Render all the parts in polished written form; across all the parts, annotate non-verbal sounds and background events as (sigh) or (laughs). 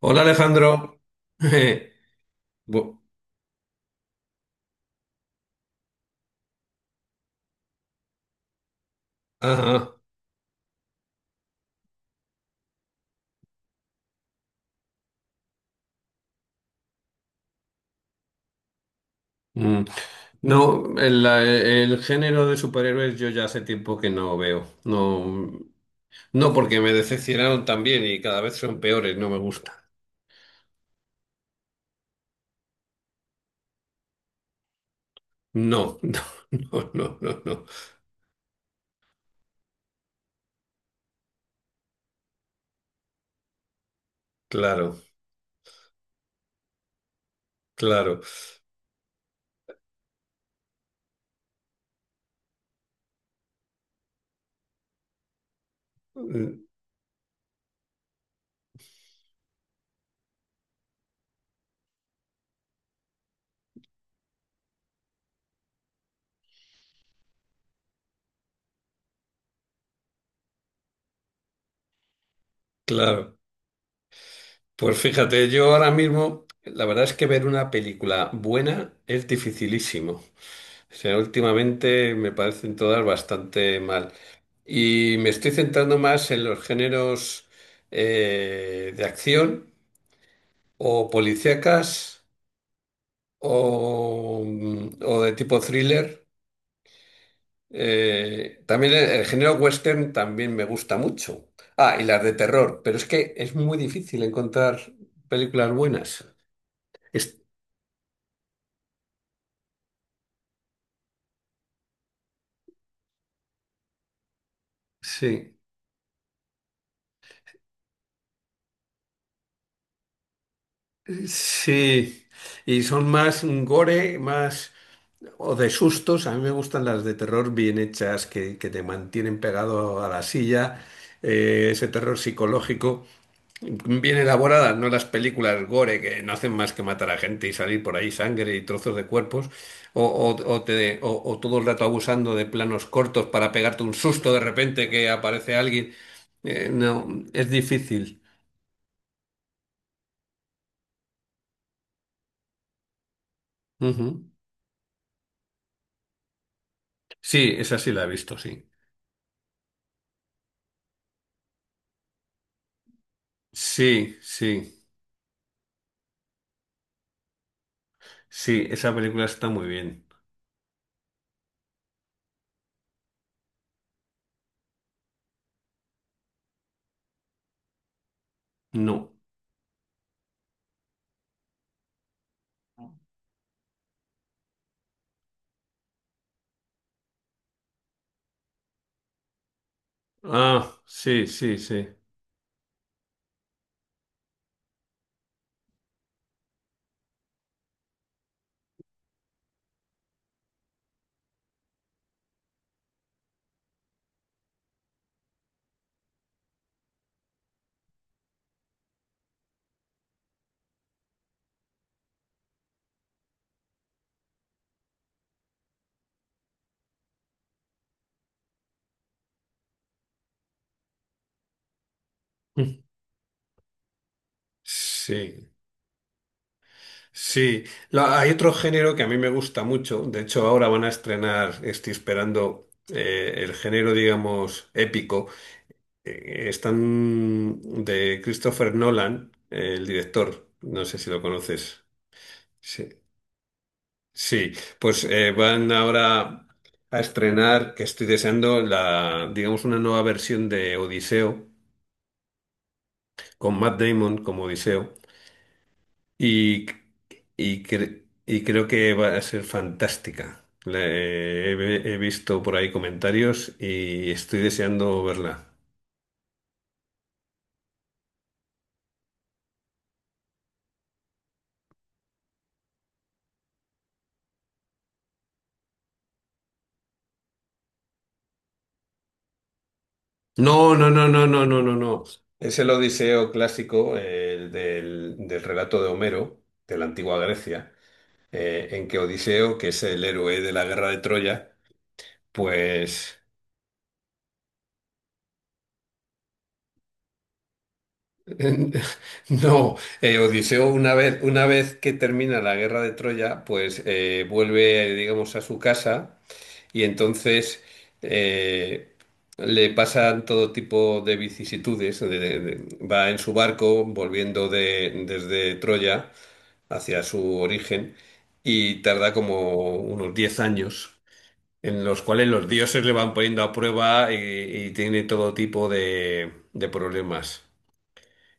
Hola Alejandro. (laughs) Bu- Ajá. Mm. No, el género de superhéroes yo ya hace tiempo que no veo. No, no porque me decepcionaron también y cada vez son peores, no me gusta. No, (laughs) no, no, no, no, no. Claro, claro, mm, claro. Pues fíjate, yo ahora mismo, la verdad es que ver una película buena es dificilísimo. O sea, últimamente me parecen todas bastante mal. Y me estoy centrando más en los géneros de acción o policíacas o, o de tipo thriller. También el género western también me gusta mucho. Ah, y las de terror, pero es que es muy difícil encontrar películas buenas. Es- sí, sí. Y son más gore, más. O de sustos, a mí me gustan las de terror bien hechas, que te mantienen pegado a la silla, ese terror psicológico, bien elaboradas, no las películas gore que no hacen más que matar a gente y salir por ahí sangre y trozos de cuerpos, o todo el rato abusando de planos cortos para pegarte un susto de repente que aparece alguien. No, es difícil. Ujú. Sí, esa sí la he visto, sí. Sí, sí, sí, esa película está muy bien. No. Ah, sí, sí, sí. Mm. Sí, sí. Hay otro género que a mí me gusta mucho. De hecho, ahora van a estrenar, estoy esperando el género, digamos, épico. Están de Christopher Nolan, el director. No sé si lo conoces. Sí, sí. Pues van ahora a estrenar, que estoy deseando, la, digamos, una nueva versión de Odiseo, con Matt Damon como Odiseo. Y, y creo que va a ser fantástica. He visto por ahí comentarios y estoy deseando verla. No, no, no, no, no, no, no, no. Es el Odiseo clásico, el del relato de Homero, de la antigua Grecia, en que Odiseo, que es el héroe de la guerra de Troya, pues (laughs) no, Odiseo una vez que termina la guerra de Troya, pues vuelve, digamos, a su casa y entonces eh, le pasan todo tipo de vicisitudes. Va en su barco volviendo desde Troya hacia su origen y tarda como unos 10 años. En los cuales los dioses le van poniendo a prueba y tiene todo tipo de problemas.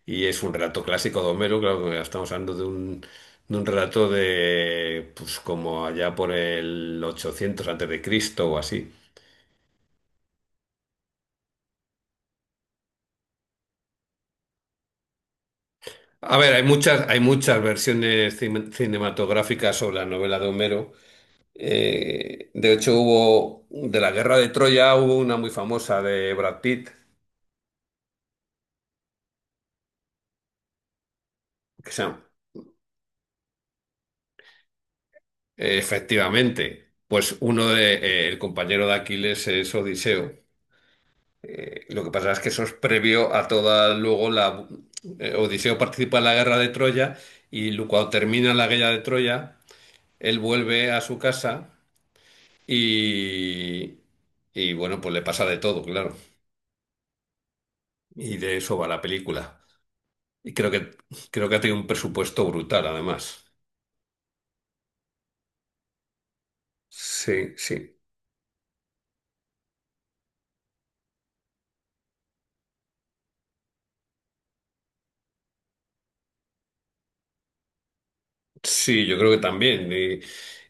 Y es un relato clásico de Homero, claro que estamos hablando de un, relato de, pues como allá por el 800 antes de Cristo o así. A ver, hay muchas versiones cinematográficas sobre la novela de Homero. De hecho, hubo de la Guerra de Troya, hubo una muy famosa de Brad Pitt, que se llama- efectivamente, pues uno de el compañero de Aquiles es Odiseo. Lo que pasa es que eso es previo a toda luego la, Odiseo participa en la Guerra de Troya y cuando termina la Guerra de Troya, él vuelve a su casa y y bueno, pues le pasa de todo, claro. Y de eso va la película. Y creo que ha tenido un presupuesto brutal, además. Sí, sí. Sí, yo creo que también. Y,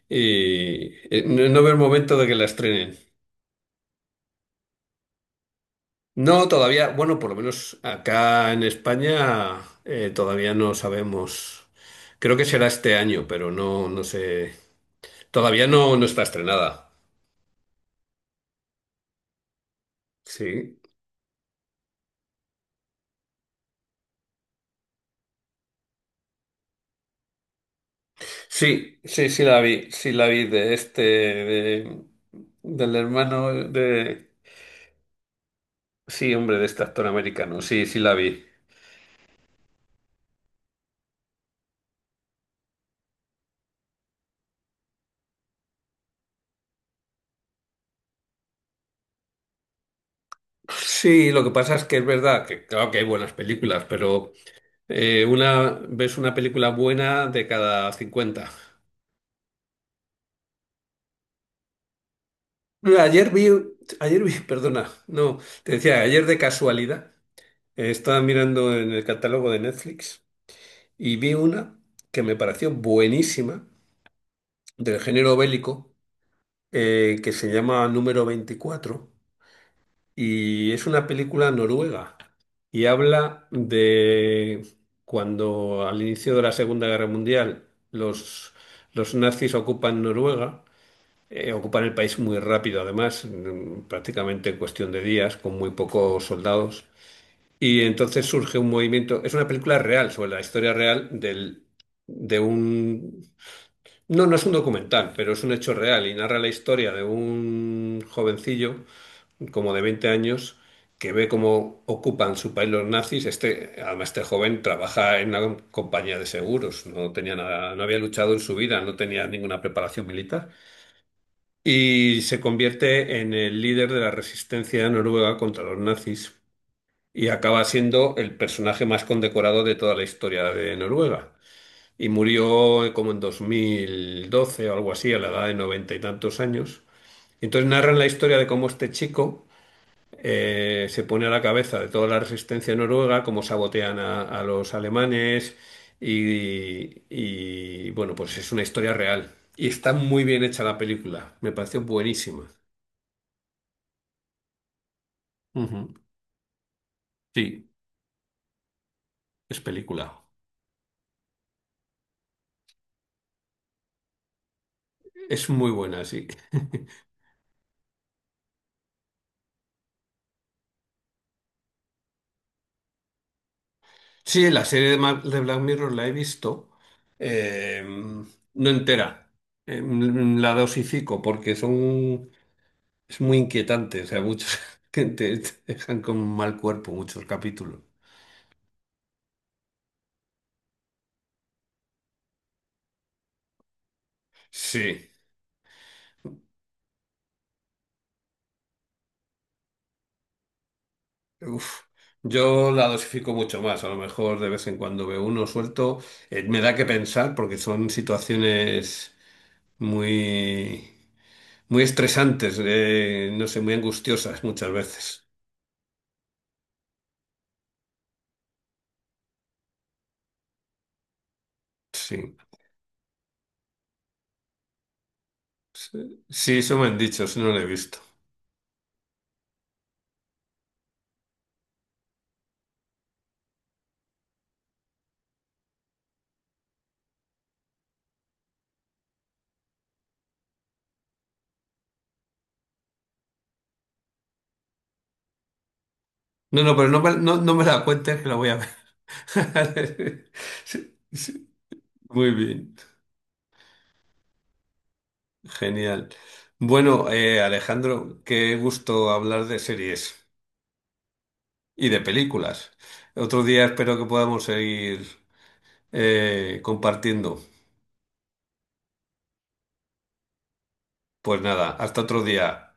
no, no veo el momento de que la estrenen. No, todavía, bueno, por lo menos acá en España todavía no sabemos. Creo que será este año, pero no, no sé. Todavía no, no está estrenada. Sí. Sí, sí, sí la vi de este, del hermano de. Sí, hombre, de este actor americano. Sí, sí la vi. Sí, lo que pasa es que es verdad que claro que hay buenas películas, pero una ves una película buena de cada 50. Mira, (laughs) perdona, no, te decía, ayer de casualidad estaba mirando en el catálogo de Netflix y vi una que me pareció buenísima del género bélico que se llama Número 24. Y es una película noruega y habla de cuando al inicio de la Segunda Guerra Mundial los, nazis ocupan Noruega, ocupan el país muy rápido además, prácticamente en cuestión de días, con muy pocos soldados. Y entonces surge un movimiento, es una película real sobre la historia real del, de un. No, no es un documental, pero es un hecho real y narra la historia de un jovencillo como de 20 años, que ve cómo ocupan su país los nazis. Este, además, este joven trabaja en una compañía de seguros, no tenía nada, no había luchado en su vida, no tenía ninguna preparación militar. Y se convierte en el líder de la resistencia noruega contra los nazis y acaba siendo el personaje más condecorado de toda la historia de Noruega. Y murió como en 2012 o algo así, a la edad de noventa y tantos años. Entonces narran la historia de cómo este chico, se pone a la cabeza de toda la resistencia noruega, cómo sabotean a los alemanes bueno, pues es una historia real. Y está muy bien hecha la película, me pareció buenísima. Ujú. Sí, es película. Es muy buena, sí. (laughs) Sí, la serie de Black Mirror la he visto, eh, no entera. La dosifico porque son, es muy inquietante, o sea, muchos (laughs) que te dejan con mal cuerpo muchos capítulos. Sí, uf. Yo la dosifico mucho más, a lo mejor de vez en cuando veo uno suelto. Me da que pensar porque son situaciones muy, muy estresantes, no sé, muy angustiosas muchas veces. Sí, sí, eso me han dicho, eso no lo he visto. No, no, pero no me la cuentes que la voy a ver. (laughs) Sí, sí. Muy bien, genial. Bueno, Alejandro, qué gusto hablar de series y de películas. Otro día espero que podamos seguir compartiendo. Pues nada, hasta otro día.